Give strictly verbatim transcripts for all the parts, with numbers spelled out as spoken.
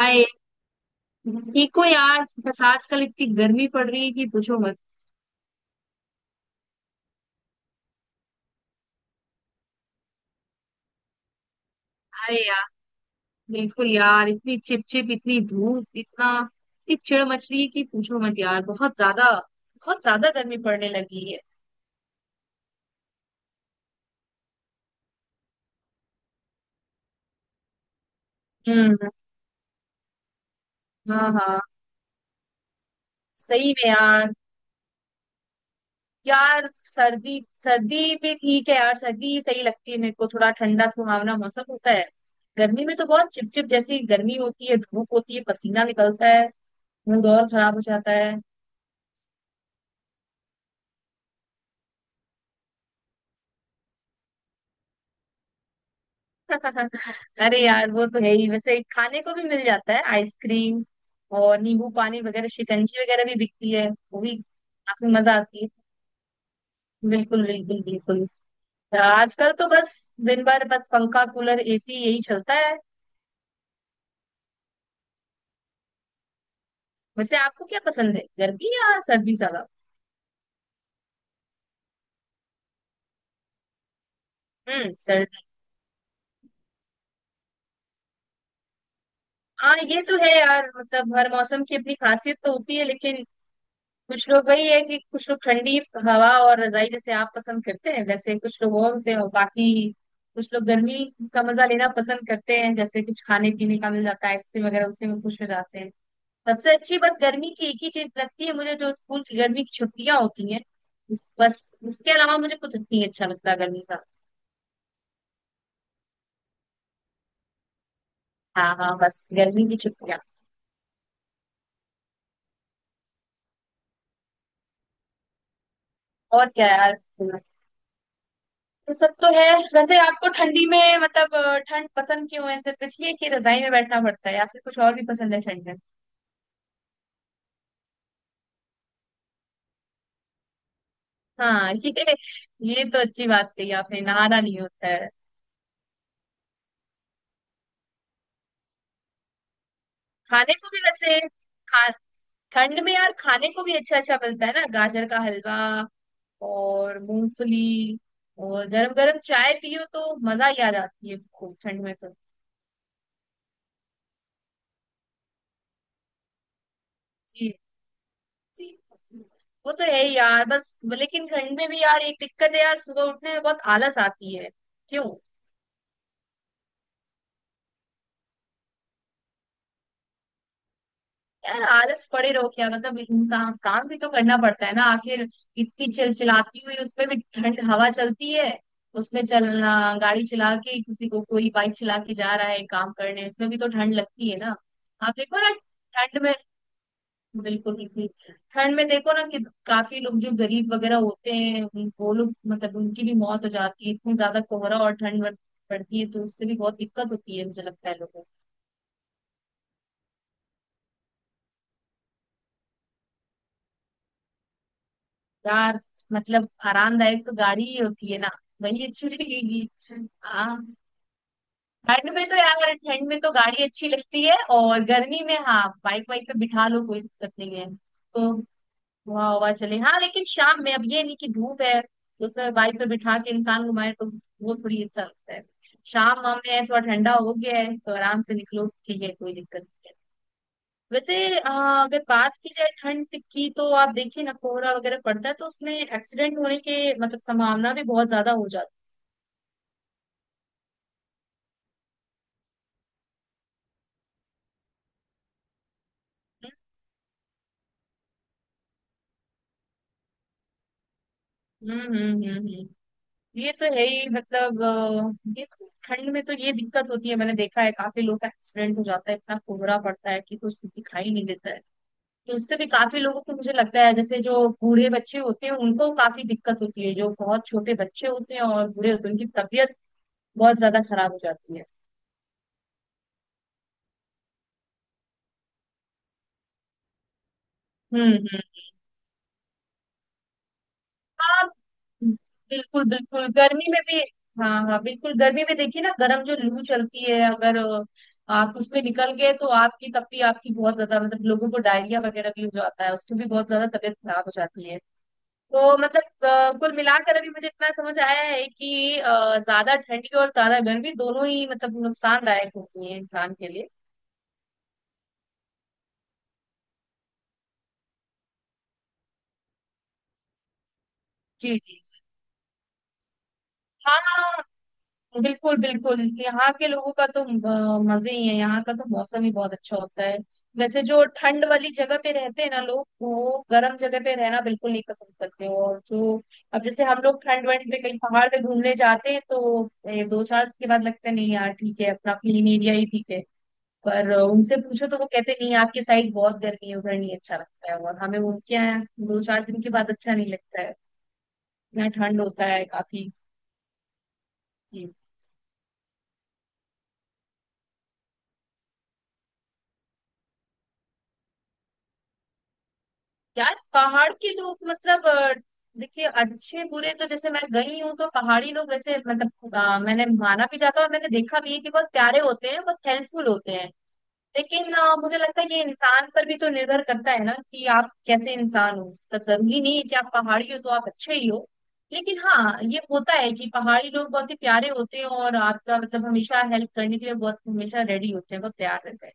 हाय। ठीक हो यार? बस आजकल इतनी गर्मी पड़ रही है कि पूछो मत। अरे यार, बिल्कुल यार, इतनी चिपचिप, इतनी धूप, इतना, इतनी चिड़ मच रही है कि पूछो मत यार, बहुत ज्यादा, बहुत ज्यादा गर्मी पड़ने लगी है। हम्म। हाँ हाँ। सही में यार, यार सर्दी सर्दी में ठीक है यार, सर्दी सही लगती है मेरे को, थोड़ा ठंडा सुहावना मौसम होता है। गर्मी में तो बहुत चिपचिप जैसी गर्मी होती है, धूप होती है, पसीना निकलता है, मूड और खराब हो जाता है। अरे यार, वो तो है ही, वैसे खाने को भी मिल जाता है आइसक्रीम और नींबू पानी वगैरह, शिकंजी वगैरह भी बिकती है, वो भी काफी मजा आती है। बिल्कुल बिल्कुल बिल्कुल। तो आजकल तो बस दिन भर बस पंखा कूलर एसी यही चलता है। वैसे आपको क्या पसंद है, गर्मी या सर्दी ज्यादा? हम्म, सर्दी। हाँ ये तो है यार, मतलब हर मौसम की अपनी खासियत तो होती है, लेकिन कुछ लोग वही है कि कुछ लोग ठंडी हवा और रजाई जैसे आप पसंद करते हैं वैसे, कुछ लोग और होते हैं, और बाकी कुछ लोग गर्मी का मजा लेना पसंद करते हैं, जैसे कुछ खाने पीने का मिल जाता है आइसक्रीम वगैरह, उसी में खुश हो जाते हैं। सबसे अच्छी बस गर्मी की एक ही चीज लगती है मुझे, जो स्कूल की गर्मी की छुट्टियां होती हैं। इस- बस उसके अलावा मुझे कुछ नहीं अच्छा लगता गर्मी का। हाँ हाँ, बस गर्मी की छुट्टियां। और क्या यार, ये सब तो है। वैसे आपको ठंडी में मतलब अ, ठंड पसंद क्यों है, सिर्फ इसलिए कि रजाई में बैठना पड़ता है या फिर कुछ और भी पसंद है ठंड में? हाँ ये ये तो अच्छी बात कही आपने, नहाना नहीं होता है। खाने को भी वैसे, खा ठंड में यार खाने को भी अच्छा अच्छा मिलता है ना, गाजर का हलवा और मूंगफली, और गरम गरम चाय पियो तो मजा ही आ जाती है खूब ठंड में तो। जी जी जी। वो तो है ही यार, बस लेकिन ठंड में भी यार एक दिक्कत है यार, सुबह उठने में बहुत आलस आती है। क्यों? यार आलस पड़े रहो क्या मतलब, इंसान काम भी तो करना पड़ता है ना आखिर, इतनी चिलचिलाती हुई उसमें भी ठंड हवा चलती है, उसमें चलना, गाड़ी चला के किसी को कोई बाइक चला के जा रहा है काम करने, उसमें भी तो ठंड लगती है ना। आप देखो ना, ठंड में, बिल्कुल बिल्कुल, ठंड में देखो ना कि काफी लोग जो गरीब वगैरह होते हैं, उन- वो लोग मतलब, उनकी भी मौत हो जाती है, इतनी ज्यादा कोहरा और ठंड बढ़- पड़ती है तो उससे भी बहुत दिक्कत होती है, मुझे लगता है लोगों को। यार मतलब आरामदायक तो गाड़ी ही होती है ना, वही अच्छी लगेगी। हाँ, ठंड में तो यार, ठंड में तो गाड़ी अच्छी लगती है, और गर्मी में हाँ बाइक वाइक पे बिठा लो कोई दिक्कत नहीं है, तो हवा, हवा चले, हाँ लेकिन शाम में, अब ये नहीं कि धूप है उसमें बाइक पे बिठा के इंसान घुमाए तो, वो थोड़ी अच्छा लगता है। शाम वाम में थोड़ा ठंडा हो गया है तो आराम से निकलो, ठीक है कोई दिक्कत। वैसे अ, अगर बात की जाए ठंड की, तो आप देखिए ना कोहरा वगैरह पड़ता है तो उसमें एक्सीडेंट होने के मतलब संभावना भी बहुत ज्यादा हो जाती है। हम्म हम्म हम्म हम्म। हम्म। ये तो है ही, मतलब अ, ये तो ठंड में तो ये दिक्कत होती है, मैंने देखा है काफी लोग का एक्सीडेंट हो जाता है, इतना कोहरा पड़ता है कि कुछ दिखाई नहीं देता है, तो उससे भी काफी लोगों को मुझे लगता है जैसे जो बूढ़े बच्चे होते हैं उनको काफी दिक्कत होती है, जो बहुत छोटे बच्चे होते हैं और बूढ़े होते हैं उनकी तबीयत बहुत ज्यादा खराब हो जाती है। हम्म हम्म। हाँ बिल्कुल बिल्कुल, गर्मी में भी। हाँ हाँ बिल्कुल, गर्मी में देखिए ना गर्म जो लू चलती है, अगर अ, आप उसमें निकल गए तो आपकी तब भी आपकी बहुत ज्यादा, मतलब लोगों को डायरिया वगैरह भी हो जाता है, उससे भी बहुत ज्यादा तबीयत खराब हो जाती है। तो मतलब अ, कुल मिलाकर अभी मुझे इतना समझ आया है कि अ, ज्यादा ठंडी और ज्यादा गर्मी दोनों ही मतलब नुकसानदायक होती है इंसान के लिए। जी जी जी। हाँ हाँ। बिल्कुल बिल्कुल, यहाँ के लोगों का तो अ, मजे ही है, यहाँ का तो मौसम ही बहुत अच्छा होता है। वैसे जो ठंड वाली जगह पे रहते हैं ना लोग, वो गर्म जगह पे रहना बिल्कुल नहीं पसंद करते हो। और जो, अब जैसे हम लोग ठंड वंड पे कहीं पहाड़ पे घूमने जाते हैं तो ए, दो चार दिन के बाद लगता है नहीं यार ठीक है, अपना क्लीन एरिया ही ठीक है। पर अ, उनसे पूछो तो वो कहते हैं, नहीं आपकी साइड बहुत गर्मी है, उधर नहीं अच्छा लगता है, और हमें उनके यहाँ दो चार दिन के बाद अच्छा नहीं लगता है, यहाँ ठंड होता है काफी। यार पहाड़ के लोग मतलब अ, देखिए अच्छे बुरे तो, जैसे मैं गई हूँ तो पहाड़ी लोग वैसे मतलब अ, मैंने माना भी जाता है और मैंने देखा भी है कि बहुत प्यारे होते हैं, बहुत हेल्पफुल होते हैं, लेकिन अ, मुझे लगता है ये इंसान पर भी तो निर्भर करता है ना, कि आप कैसे इंसान हो, मतलब जरूरी नहीं है कि आप पहाड़ी हो तो आप अच्छे ही हो। लेकिन हाँ ये होता है कि पहाड़ी लोग बहुत ही प्यारे होते हैं और आपका मतलब हमेशा हेल्प करने के लिए बहुत हमेशा रेडी होते हैं, बहुत तैयार रहते हैं।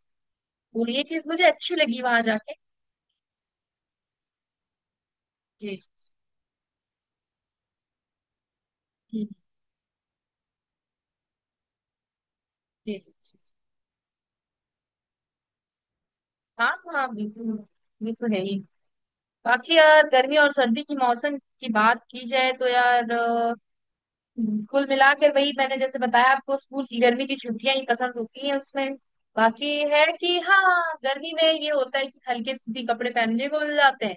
और ये चीज मुझे अच्छी लगी वहां जाके। जी जी जी जी जी। हाँ हाँ बिल्कुल, ये तो है ही। बाकी यार गर्मी और सर्दी की मौसम की बात की जाए तो यार अ, कुल मिलाकर वही, मैंने जैसे बताया आपको, स्कूल की गर्मी की छुट्टियां ही पसंद होती हैं उसमें। बाकी है कि हाँ गर्मी में ये होता है कि हल्के सूती कपड़े पहनने को मिल जाते हैं,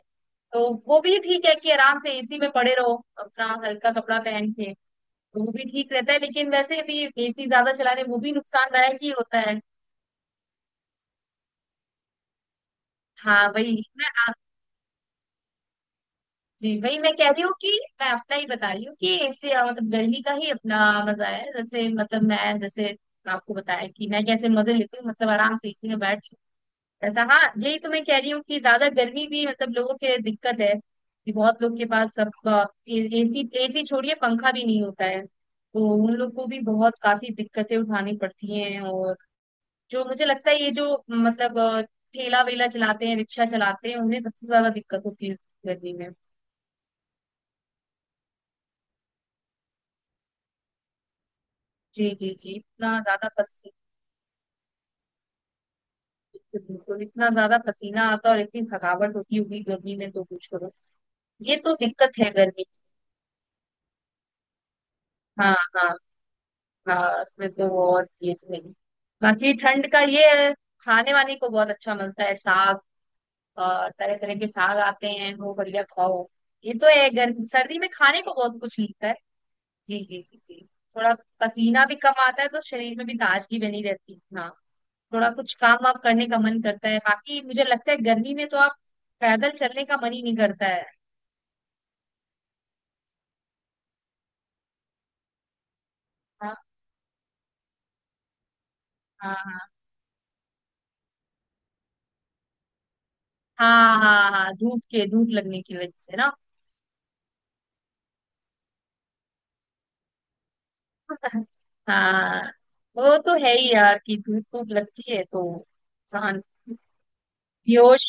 तो वो भी ठीक है कि आराम से एसी में पड़े रहो अपना हल्का कपड़ा पहन के, तो वो भी ठीक रहता है। लेकिन वैसे भी एसी ज्यादा चलाने वो भी नुकसानदायक ही होता है। हाँ वही मैं, जी वही मैं कह रही हूँ कि मैं अपना ही बता रही हूँ कि इससे अ, मतलब गर्मी का ही अपना मजा है, जैसे मतलब मैं जैसे आपको बताया कि मैं कैसे मजे लेती हूँ, मतलब आराम से इसी में बैठ, ऐसा, हाँ यही तो मैं कह रही हूँ कि ज्यादा गर्मी भी मतलब लोगों के दिक्कत है कि बहुत लोग के पास सब, एसी एसी छोड़िए पंखा भी नहीं होता है, तो उन लोग को भी बहुत काफी दिक्कतें उठानी पड़ती हैं। और जो मुझे लगता है ये जो मतलब अ, ठेला वेला चलाते हैं, रिक्शा चलाते हैं, उन्हें सबसे ज्यादा दिक्कत होती है गर्मी में। जी जी जी, इतना ज्यादा पसीना, बिल्कुल इतना ज्यादा पसीना आता और इतनी थकावट होती होगी गर्मी में, तो कुछ करो, ये तो दिक्कत है गर्मी की। हाँ हाँ। हाँ, इसमें तो और ये तो नहीं। बाकी ठंड का ये है, खाने वाने को बहुत अच्छा मिलता है, साग, तरह तरह के साग आते हैं, वो बढ़िया खाओ। ये तो है, गर्मी सर्दी में खाने को बहुत कुछ मिलता है। जी जी जी जी। थोड़ा पसीना भी कम आता है तो शरीर में भी ताजगी बनी रहती है, हाँ, थोड़ा कुछ काम वाम करने का मन करता है। बाकी मुझे लगता है गर्मी में तो आप पैदल चलने का मन ही नहीं करता है। हाँ हाँ। हाँ हाँ हाँ, हाँ, धूप के, धूप लगने की वजह से ना। हाँ, वो तो है ही यार कि धूप खूब लगती है तो इंसान बेहोश।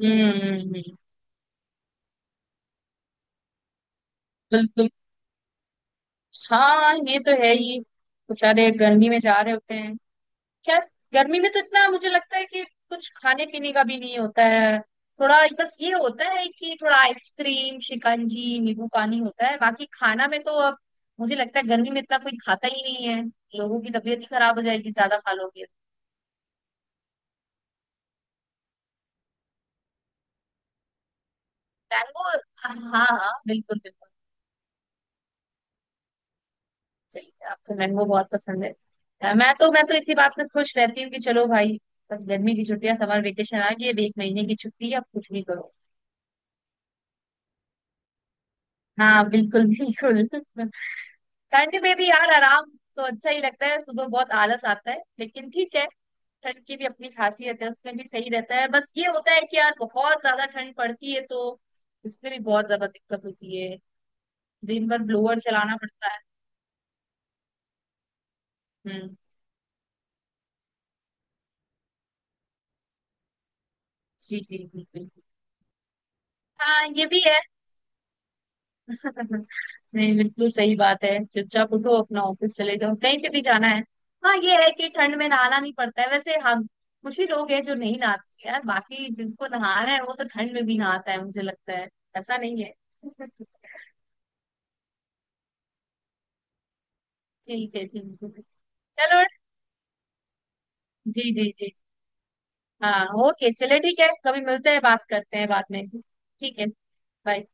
हम्म हम्म, हम्म, बिल्कुल। हाँ ये तो है ही, बेचारे गर्मी में जा रहे होते हैं। खैर, गर्मी में तो इतना मुझे लगता है कि कुछ खाने पीने का भी नहीं होता है, थोड़ा बस ये होता है कि थोड़ा आइसक्रीम शिकंजी नींबू पानी होता है, बाकी खाना में तो अब मुझे लगता है गर्मी में इतना कोई खाता ही नहीं है, लोगों की तबीयत ही खराब हो जाएगी ज्यादा खा लोगे। मैंगो। हाँ हाँ बिल्कुल बिल्कुल, सही है आपको मैंगो बहुत पसंद है। अ, मैं तो, मैं तो इसी बात से खुश रहती हूँ कि चलो भाई अब गर्मी की छुट्टियां, समर वेकेशन आ गई है, अब एक महीने की छुट्टी है अब कुछ भी करो। हाँ बिल्कुल बिल्कुल ठंड में भी यार आराम तो अच्छा ही लगता है, सुबह बहुत आलस आता है लेकिन ठीक है, ठंड की भी अपनी खासियत है, उसमें भी सही रहता है, बस ये होता है कि यार बहुत ज्यादा ठंड पड़ती है तो उसमें भी बहुत ज्यादा दिक्कत होती है, दिन भर ब्लोअर चलाना पड़ता है। हम्म। जी जी बिल्कुल। हाँ ये भी है, नहीं बिल्कुल सही बात है, चुपचाप उठो अपना ऑफिस चले जाओ कहीं पे भी जाना है। हाँ ये है कि ठंड में नहाना नहीं पड़ता है वैसे, हम कुछ ही लोग हैं जो नहीं नहाते यार, बाकी जिसको नहाना है वो तो ठंड में भी नहाता है मुझे लगता है, ऐसा नहीं है। ठीक है ठीक है, चलो। जी जी जी। हाँ ओके चले, ठीक है कभी मिलते हैं बात करते हैं बाद में, ठीक है। bye।